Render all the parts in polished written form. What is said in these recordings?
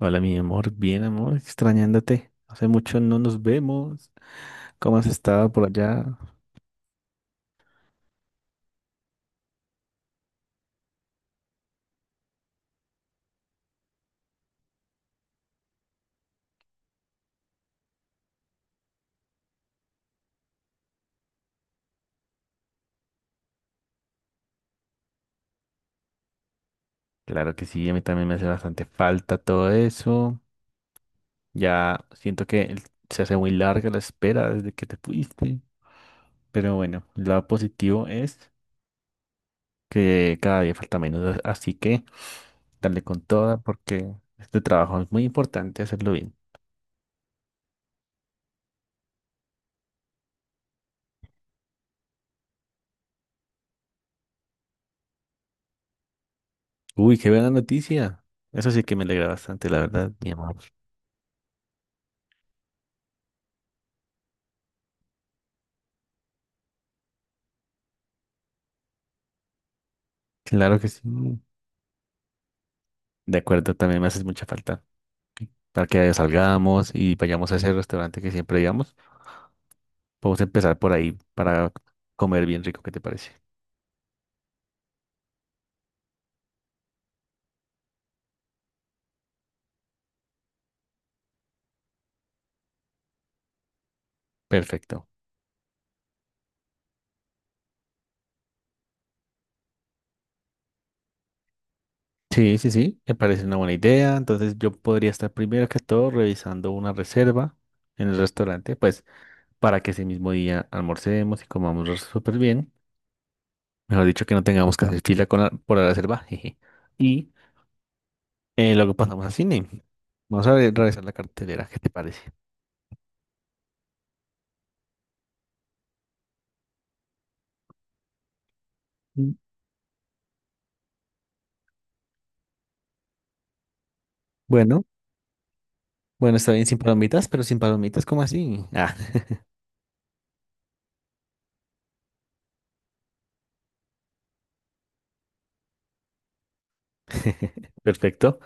Hola, mi amor, bien, amor, extrañándote. Hace mucho no nos vemos. ¿Cómo has estado por allá? Claro que sí, a mí también me hace bastante falta todo eso. Ya siento que se hace muy larga la espera desde que te fuiste. Pero bueno, lo positivo es que cada día falta menos, así que dale con toda porque este trabajo es muy importante hacerlo bien. Uy, qué buena noticia. Eso sí que me alegra bastante, la verdad, mi amor. Claro que sí. De acuerdo, también me haces mucha falta. Para que salgamos y vayamos a ese restaurante que siempre íbamos. Podemos empezar por ahí para comer bien rico, ¿qué te parece? Perfecto. Sí, sí, sí, me parece una buena idea. Entonces yo podría estar primero que todo revisando una reserva en el restaurante, pues para que ese mismo día almorcemos y comamos súper bien. Mejor dicho, que no tengamos que hacer fila con por la reserva. jeje. Y luego pasamos al cine. Vamos a revisar la cartelera, ¿qué te parece? Mm. Bueno. Bueno, está bien sin palomitas, pero sin palomitas, ¿cómo así? Ah, perfecto.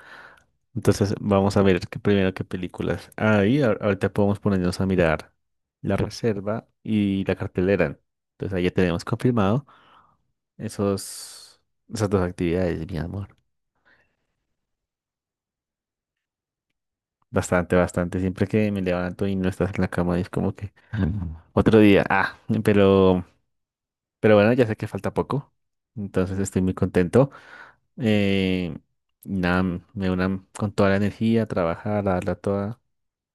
Entonces vamos a ver qué primero qué películas. Ahí ahorita podemos ponernos a mirar la reserva y la cartelera. Entonces ahí ya tenemos confirmado esos, esas dos actividades, mi amor. Bastante, bastante. Siempre que me levanto y no estás en la cama, es como que "Mm, otro día. Ah, pero, pero bueno, ya sé que falta poco. Entonces estoy muy contento. Eh, nada, me unan con toda la energía, trabajar, a darla toda,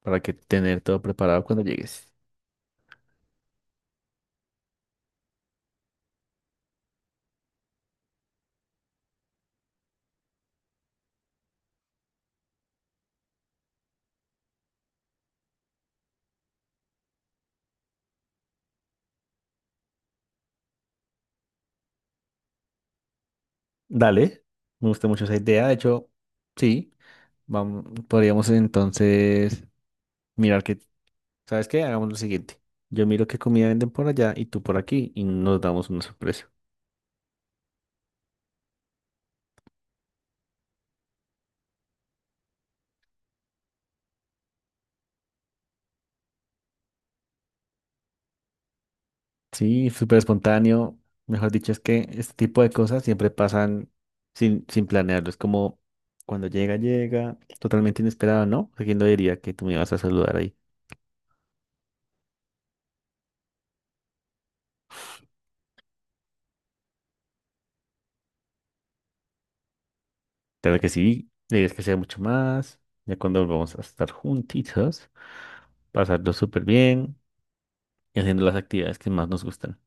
para que tener todo preparado cuando llegues. Dale, me gusta mucho esa idea. De hecho, sí, vamos, podríamos entonces mirar que, ¿sabes qué? Hagamos lo siguiente. Yo miro qué comida venden por allá y tú por aquí y nos damos una sorpresa. Sí, súper espontáneo. Mejor dicho, es que este tipo de cosas siempre pasan sin planearlo. Es como cuando llega, llega, totalmente inesperado, ¿no? ¿A ¿Quién lo diría que tú me ibas a saludar ahí? Claro que sí, debes que sea mucho más. Ya cuando volvamos a estar juntitos, pasarlo súper bien y haciendo las actividades que más nos gustan.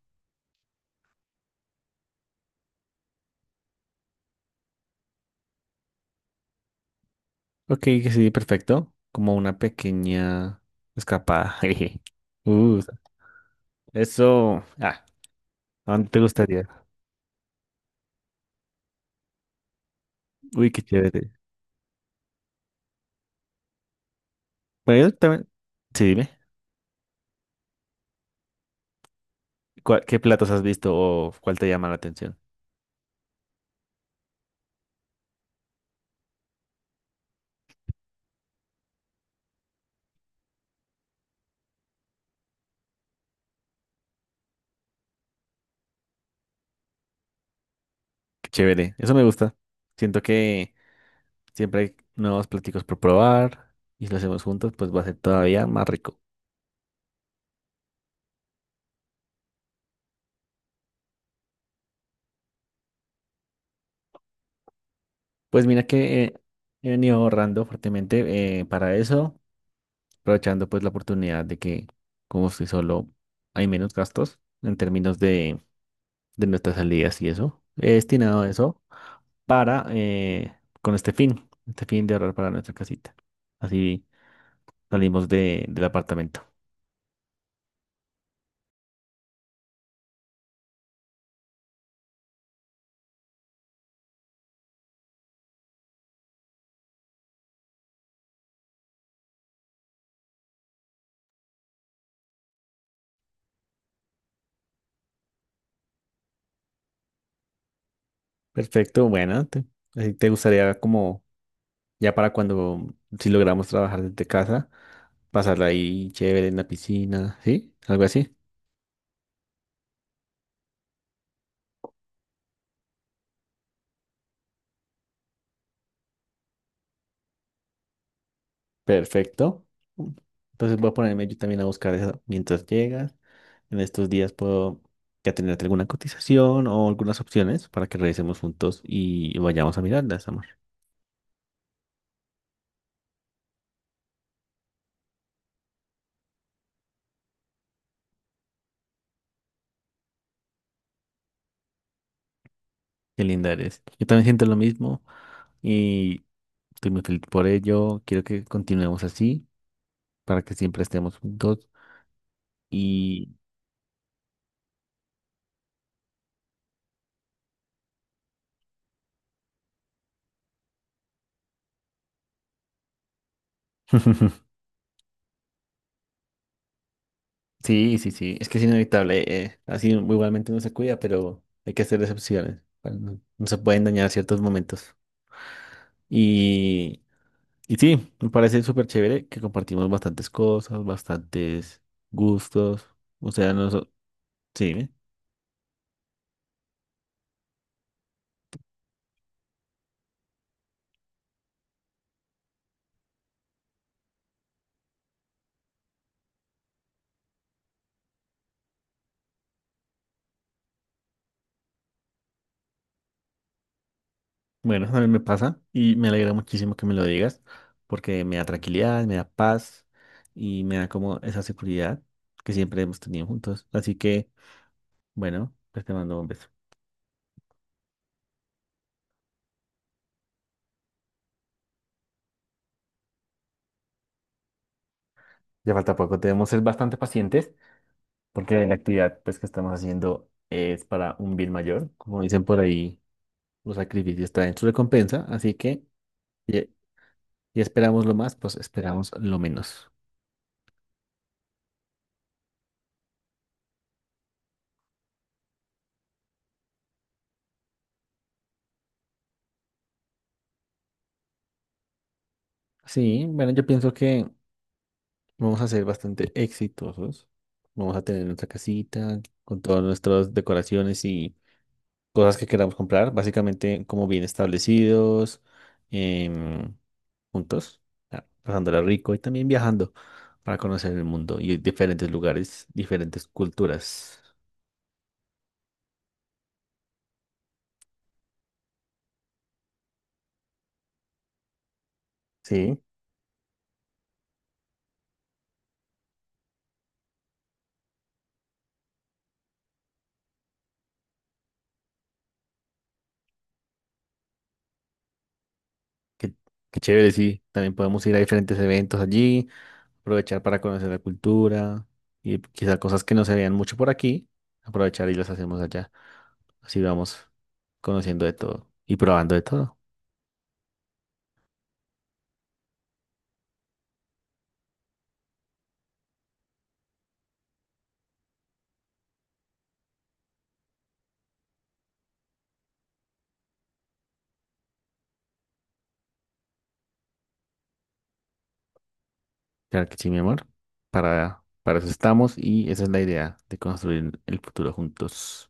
Ok, que sí, perfecto. Como una pequeña escapada. Jeje. Uh, eso. Ah, ¿a dónde te gustaría? Uy, qué chévere. Bueno, yo también. Sí, dime. ¿Qué platos has visto o cuál te llama la atención? Qué chévere, eso me gusta. Siento que siempre hay nuevos platicos por probar y si lo hacemos juntos, pues va a ser todavía más rico. Pues mira que he venido ahorrando fuertemente para eso, aprovechando pues la oportunidad de que como estoy solo hay menos gastos en términos de nuestras salidas y eso. He destinado eso para con este fin de ahorrar para nuestra casita. Así salimos del apartamento. Perfecto, bueno, te, así te gustaría como ya para cuando si logramos trabajar desde casa, pasarla ahí chévere en la piscina, ¿sí? Algo así. Perfecto. Entonces voy a ponerme yo también a buscar eso mientras llegas. En estos días puedo ya tenerte alguna cotización o algunas opciones para que revisemos juntos y vayamos a mirarlas, amor. Qué linda eres. Yo también siento lo mismo y estoy muy feliz por ello. Quiero que continuemos así para que siempre estemos juntos. Sí, sí, sí. Es que es inevitable. Así igualmente uno se cuida, pero hay que hacer excepciones. Para no, no se pueden dañar ciertos momentos. Y, y sí, me parece súper chévere que compartimos bastantes cosas, bastantes gustos. O sea, nosotros... Sí, ¿eh? Bueno, a mí me pasa y me alegra muchísimo que me lo digas porque me da tranquilidad, me da paz y me da como esa seguridad que siempre hemos tenido juntos. Así que, bueno, pues te mando un beso. Ya falta poco, debemos ser bastante pacientes porque la actividad pues, que estamos haciendo es para un bien mayor. Como dicen por ahí, los sacrificios traen su recompensa, así que y, y esperamos lo más, pues esperamos lo menos. Sí, bueno, yo pienso que vamos a ser bastante exitosos. Vamos a tener nuestra casita con todas nuestras decoraciones y cosas que queramos comprar, básicamente como bien establecidos, em, juntos, ah, pasándola rico y también viajando para conocer el mundo y diferentes lugares, diferentes culturas. Sí, qué, qué chévere, sí. También podemos ir a diferentes eventos allí, aprovechar para conocer la cultura y quizá cosas que no se vean mucho por aquí, aprovechar y las hacemos allá. Así vamos conociendo de todo y probando de todo. Claro que sí, mi amor. Para eso estamos y esa es la idea de construir el futuro juntos.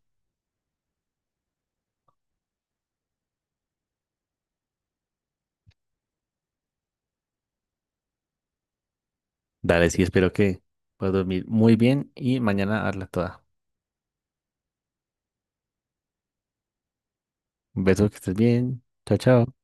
Dale, sí, espero que puedas dormir muy bien y mañana hazla toda. Un beso, que estés bien. Chao, chao.